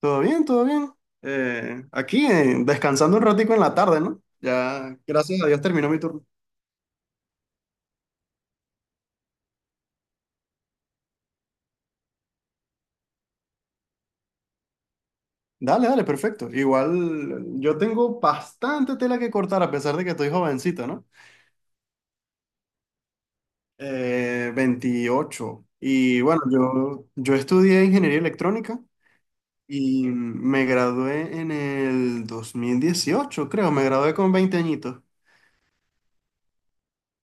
Todo bien, todo bien. Aquí, descansando un ratico en la tarde, ¿no? Ya, gracias a Dios terminó mi turno. Dale, dale, perfecto. Igual yo tengo bastante tela que cortar a pesar de que estoy jovencito, ¿no? 28. Y bueno, yo estudié ingeniería electrónica y me gradué en el 2018, creo. Me gradué con 20 añitos.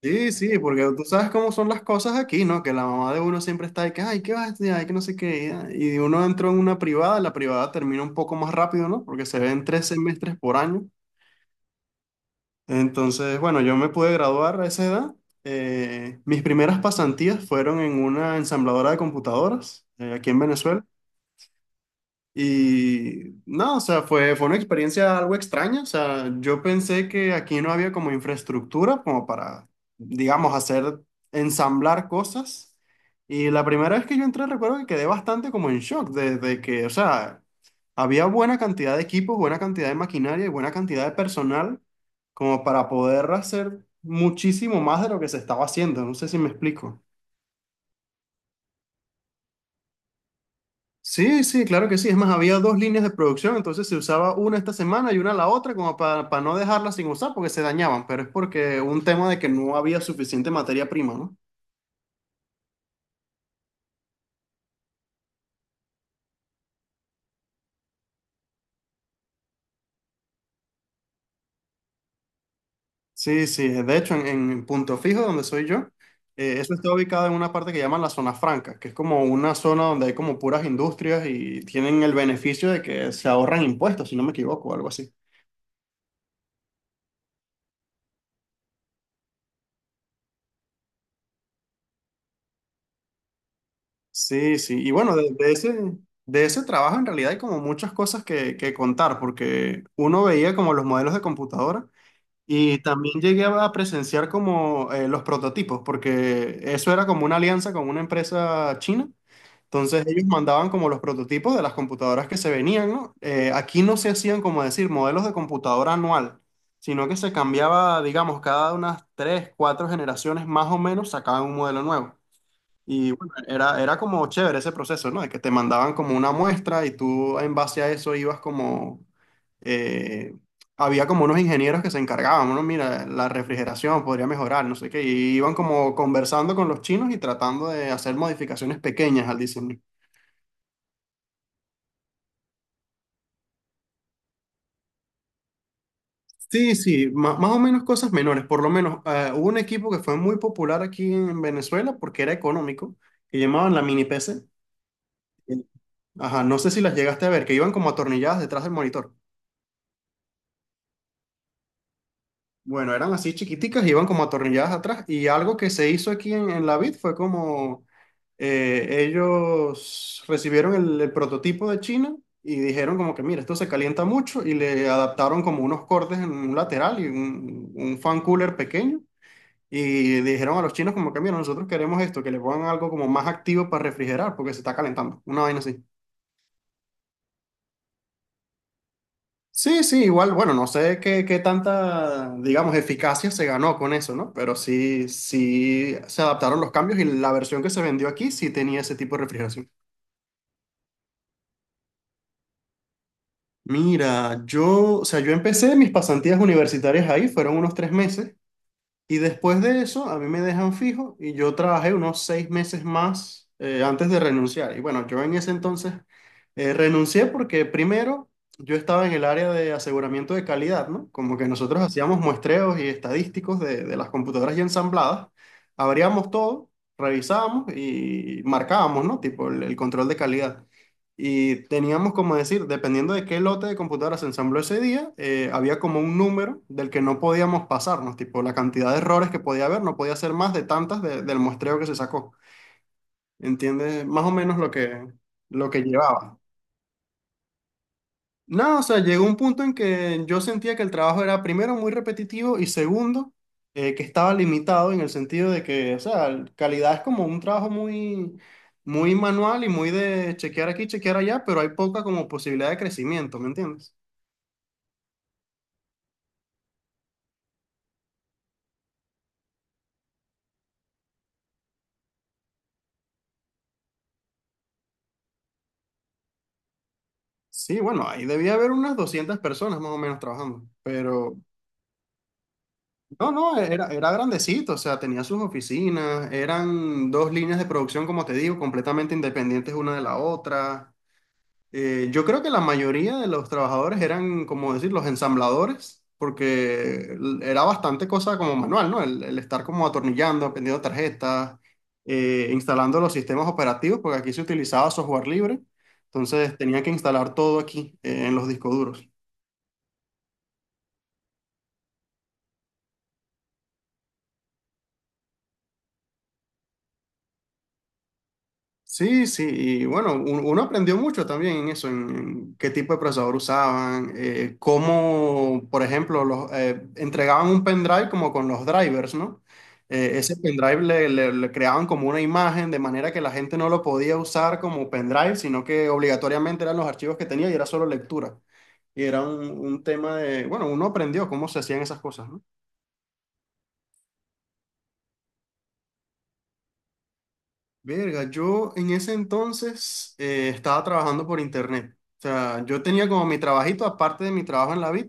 Sí, sí, porque tú sabes cómo son las cosas aquí, ¿no? Que la mamá de uno siempre está de que, ay, ¿qué vas a estudiar? Ay, que no sé qué. Y uno entró en una privada, la privada termina un poco más rápido, ¿no? Porque se ven 3 semestres por año. Entonces, bueno, yo me pude graduar a esa edad. Mis primeras pasantías fueron en una ensambladora de computadoras, aquí en Venezuela. Y no, o sea, fue una experiencia algo extraña. O sea, yo pensé que aquí no había como infraestructura como para, digamos, hacer ensamblar cosas. Y la primera vez que yo entré recuerdo que quedé bastante como en shock desde que, o sea, había buena cantidad de equipos, buena cantidad de maquinaria y buena cantidad de personal como para poder hacer muchísimo más de lo que se estaba haciendo. No sé si me explico. Sí, sí, claro que sí. Es más, había dos líneas de producción, entonces se usaba una esta semana y una la otra como para, no dejarlas sin usar porque se dañaban, pero es porque un tema de que no había suficiente materia prima, ¿no? Sí, sí, de hecho en Punto Fijo, donde soy yo, eso está ubicado en una parte que llaman la zona franca, que es como una zona donde hay como puras industrias y tienen el beneficio de que se ahorran impuestos, si no me equivoco, o algo así. Sí, sí. Y bueno, de ese trabajo en realidad hay como muchas cosas que contar, porque uno veía como los modelos de computadora y también llegué a presenciar como los prototipos, porque eso era como una alianza con una empresa china. Entonces ellos mandaban como los prototipos de las computadoras que se venían, ¿no? Aquí no se hacían como decir modelos de computadora anual, sino que se cambiaba, digamos, cada unas tres, cuatro generaciones más o menos sacaban un modelo nuevo. Y bueno, era como chévere ese proceso, ¿no? De que te mandaban como una muestra y tú en base a eso ibas como. eh, había como unos ingenieros que se encargaban, bueno, mira, la refrigeración podría mejorar, no sé qué, y iban como conversando con los chinos y tratando de hacer modificaciones pequeñas al diseño. Sí, sí, más o menos cosas menores, por lo menos hubo un equipo que fue muy popular aquí en Venezuela porque era económico, que llamaban la mini PC. Ajá, no sé si las llegaste a ver, que iban como atornilladas detrás del monitor. Bueno, eran así chiquiticas, iban como atornilladas atrás. Y algo que se hizo aquí en, la vid fue como ellos recibieron el prototipo de China y dijeron como que, mira, esto se calienta mucho y le adaptaron como unos cortes en un lateral y un fan cooler pequeño. Y dijeron a los chinos como que, mira, nosotros queremos esto, que le pongan algo como más activo para refrigerar porque se está calentando. Una vaina así. Sí, sí, igual, bueno, no sé qué tanta, digamos, eficacia se ganó con eso, ¿no? Pero sí, sí se adaptaron los cambios y la versión que se vendió aquí sí tenía ese tipo de refrigeración. Mira, o sea, yo empecé mis pasantías universitarias ahí, fueron unos 3 meses. Y después de eso, a mí me dejan fijo y yo trabajé unos 6 meses más antes de renunciar. Y bueno, yo en ese entonces renuncié porque primero yo estaba en el área de aseguramiento de calidad, ¿no? Como que nosotros hacíamos muestreos y estadísticos de las computadoras ya ensambladas, abríamos todo, revisábamos y marcábamos, ¿no? Tipo el control de calidad. Y teníamos como decir, dependiendo de qué lote de computadoras se ensambló ese día, había como un número del que no podíamos pasarnos, tipo la cantidad de errores que podía haber, no podía ser más de tantas del muestreo que se sacó. ¿Entiendes? Más o menos lo que llevaba. No, o sea, llegó un punto en que yo sentía que el trabajo era primero muy repetitivo y segundo, que estaba limitado en el sentido de que, o sea, calidad es como un trabajo muy, muy manual y muy de chequear aquí, chequear allá, pero hay poca como posibilidad de crecimiento, ¿me entiendes? Sí, bueno, ahí debía haber unas 200 personas más o menos trabajando, pero no, no, era grandecito, o sea, tenía sus oficinas, eran dos líneas de producción, como te digo, completamente independientes una de la otra. Yo creo que la mayoría de los trabajadores eran, como decir, los ensambladores, porque era bastante cosa como manual, ¿no? el, estar como atornillando, aprendiendo tarjetas, instalando los sistemas operativos, porque aquí se utilizaba software libre, entonces tenía que instalar todo aquí, en los discos duros. Sí, sí, y bueno, uno aprendió mucho también en eso, en qué tipo de procesador usaban, cómo, por ejemplo, los, entregaban un pendrive como con los drivers, ¿no? Ese pendrive le, le creaban como una imagen de manera que la gente no lo podía usar como pendrive, sino que obligatoriamente eran los archivos que tenía y era solo lectura. Y era un tema de, bueno, uno aprendió cómo se hacían esas cosas, ¿no? Verga, yo en ese entonces estaba trabajando por internet. O sea, yo tenía como mi trabajito aparte de mi trabajo en la vid.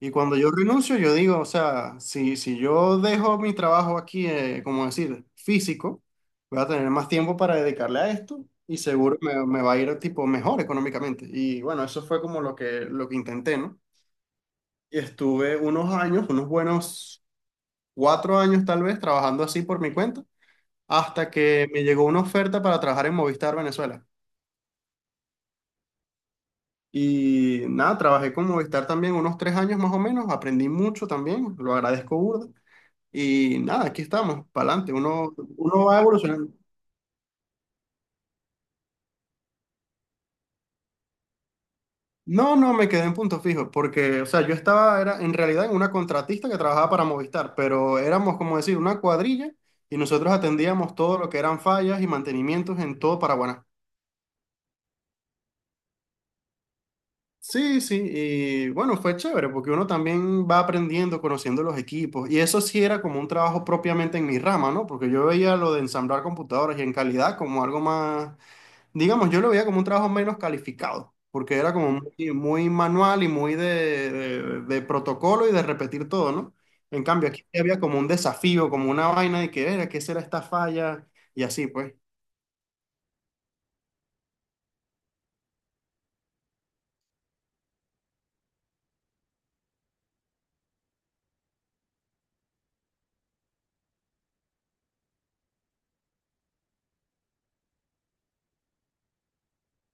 Y cuando yo renuncio, yo digo, o sea, si yo dejo mi trabajo aquí, como decir, físico, voy a tener más tiempo para dedicarle a esto y seguro me va a ir tipo mejor económicamente. Y bueno, eso fue como lo que intenté, ¿no? Y estuve unos años, unos buenos 4 años tal vez, trabajando así por mi cuenta hasta que me llegó una oferta para trabajar en Movistar Venezuela. Y nada, trabajé con Movistar también unos 3 años más o menos, aprendí mucho también, lo agradezco burda. Y nada, aquí estamos, para adelante, uno va evolucionando. No, no, me quedé en Punto Fijo, porque, o sea, yo estaba, era en realidad en una contratista que trabajaba para Movistar, pero éramos, como decir, una cuadrilla y nosotros atendíamos todo lo que eran fallas y mantenimientos en todo Paraguay. Sí, sí, y bueno, fue chévere porque uno también va aprendiendo, conociendo los equipos, y eso sí era como un trabajo propiamente en mi rama, ¿no? Porque yo veía lo de ensamblar computadoras y en calidad como algo más, digamos, yo lo veía como un trabajo menos calificado, porque era como muy, muy manual y muy de protocolo y de repetir todo, ¿no? En cambio, aquí sí había como un desafío, como una vaina de que era, ¿qué será esta falla? Y así, pues.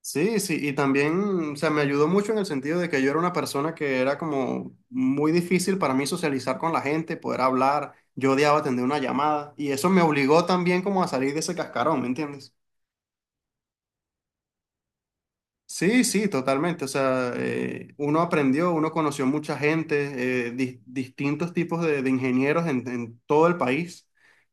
Sí, sí, y también, o sea, me ayudó mucho en el sentido de que yo era una persona que era como muy difícil para mí socializar con la gente, poder hablar, yo odiaba atender una llamada, y eso me obligó también como a salir de ese cascarón, ¿me entiendes? Sí, sí, totalmente. O sea, uno aprendió, uno conoció mucha gente, distintos tipos de ingenieros en, todo el país.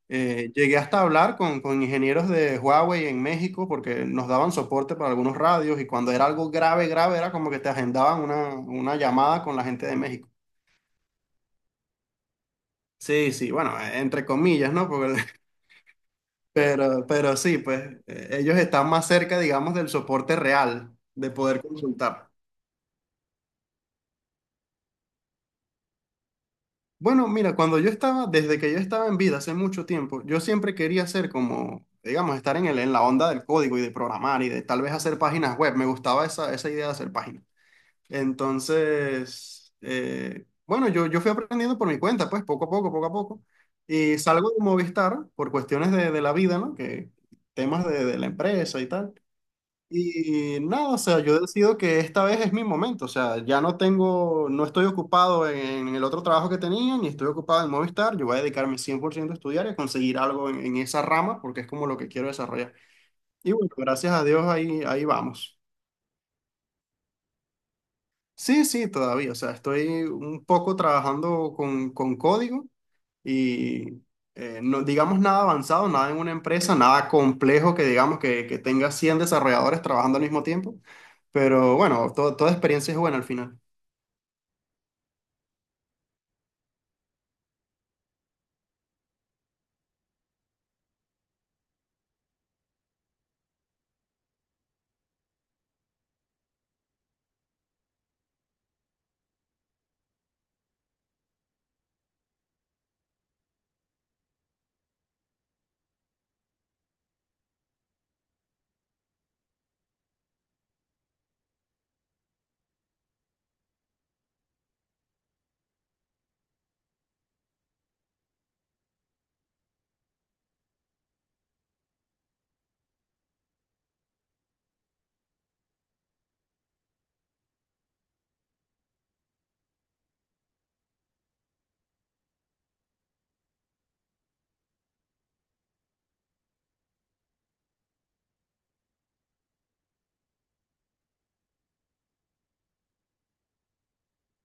Llegué hasta a hablar con ingenieros de Huawei en México porque nos daban soporte para algunos radios y cuando era algo grave, grave, era como que te agendaban una llamada con la gente de México. Sí, sí, bueno, entre comillas, ¿no? Porque- Pero sí, pues ellos están más cerca, digamos, del soporte real, de poder consultar. Bueno, mira, cuando yo estaba, desde que yo estaba en vida hace mucho tiempo, yo siempre quería ser como, digamos, estar en la onda del código y de programar y de tal vez hacer páginas web. Me gustaba esa idea de hacer páginas. Entonces, bueno, yo fui aprendiendo por mi cuenta, pues poco a poco, poco a poco. Y salgo de Movistar por cuestiones de la vida, ¿no? Que temas de la empresa y tal. Y nada, o sea, yo decido que esta vez es mi momento, o sea, ya no tengo, no estoy ocupado en el otro trabajo que tenía, ni estoy ocupado en Movistar, yo voy a dedicarme 100% a estudiar y a conseguir algo en, esa rama porque es como lo que quiero desarrollar. Y bueno, gracias a Dios ahí, ahí vamos. Sí, sí, todavía, o sea, estoy un poco trabajando con código, y no digamos nada avanzado, nada en una empresa, nada complejo que digamos que tenga 100 desarrolladores trabajando al mismo tiempo, pero bueno, toda experiencia es buena al final.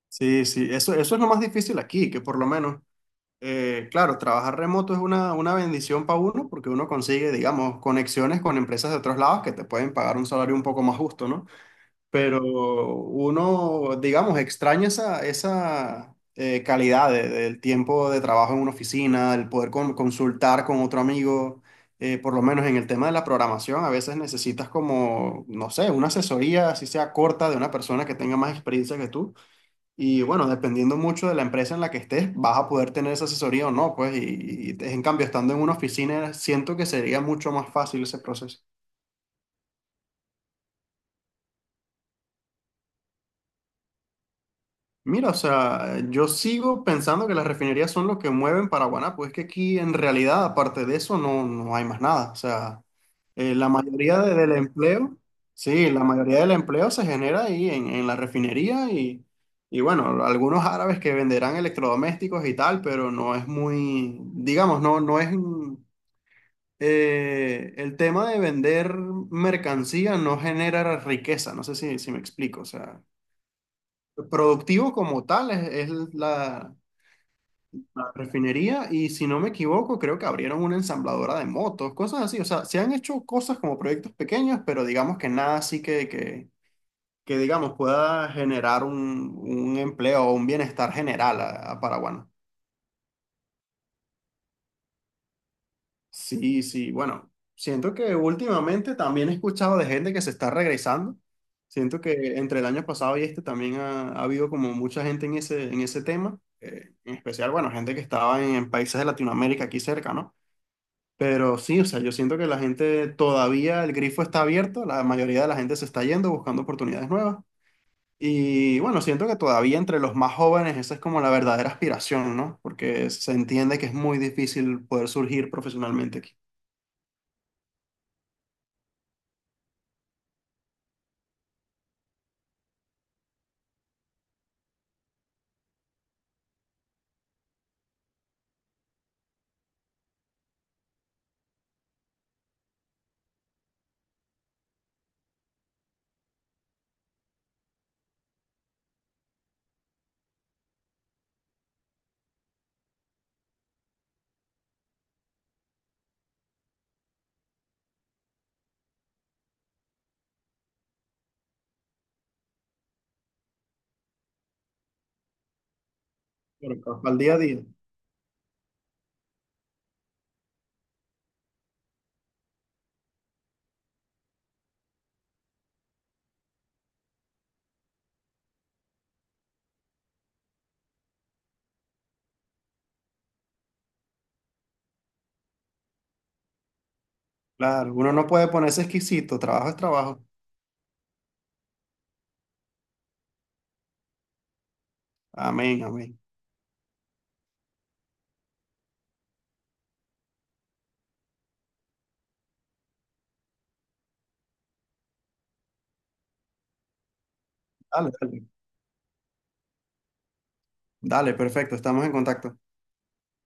Sí, sí, eso es lo más difícil aquí, que por lo menos, claro, trabajar remoto es una bendición para uno porque uno consigue, digamos, conexiones con empresas de otros lados que te pueden pagar un salario un poco más justo, ¿no? Pero uno, digamos, extraña esa calidad del tiempo de trabajo en una oficina, el poder consultar con otro amigo, por lo menos en el tema de la programación, a veces necesitas como, no sé, una asesoría, así sea corta, de una persona que tenga más experiencia que tú. Y bueno, dependiendo mucho de la empresa en la que estés, vas a poder tener esa asesoría o no, pues, y en cambio, estando en una oficina, siento que sería mucho más fácil ese proceso. Mira, o sea, yo sigo pensando que las refinerías son lo que mueven Paraguaná, pues es que aquí en realidad, aparte de eso, no, no hay más nada. O sea, la mayoría del empleo, sí, la mayoría del empleo se genera ahí en, la refinería y bueno, algunos árabes que venderán electrodomésticos y tal, pero no es muy, digamos, no, no es, el tema de vender mercancía no genera riqueza, no sé si me explico, o sea. Productivo como tal es, la refinería y si no me equivoco creo que abrieron una ensambladora de motos, cosas así. O sea, se han hecho cosas como proyectos pequeños, pero digamos que nada así que digamos pueda generar un, empleo o un bienestar general a Paraguay, ¿no? Sí, sí, bueno, siento que últimamente también he escuchado de gente que se está regresando. Siento que entre el año pasado y este también ha, habido como mucha gente en ese tema, en especial, bueno, gente que estaba en países de Latinoamérica aquí cerca, ¿no? Pero sí, o sea, yo siento que la gente todavía, el grifo está abierto, la mayoría de la gente se está yendo buscando oportunidades nuevas. Y bueno, siento que todavía entre los más jóvenes esa es como la verdadera aspiración, ¿no? Porque se entiende que es muy difícil poder surgir profesionalmente aquí. Claro, al día a día. Claro, uno no puede ponerse exquisito, trabajo es trabajo. Amén, amén. Dale, dale. Dale, perfecto, estamos en contacto.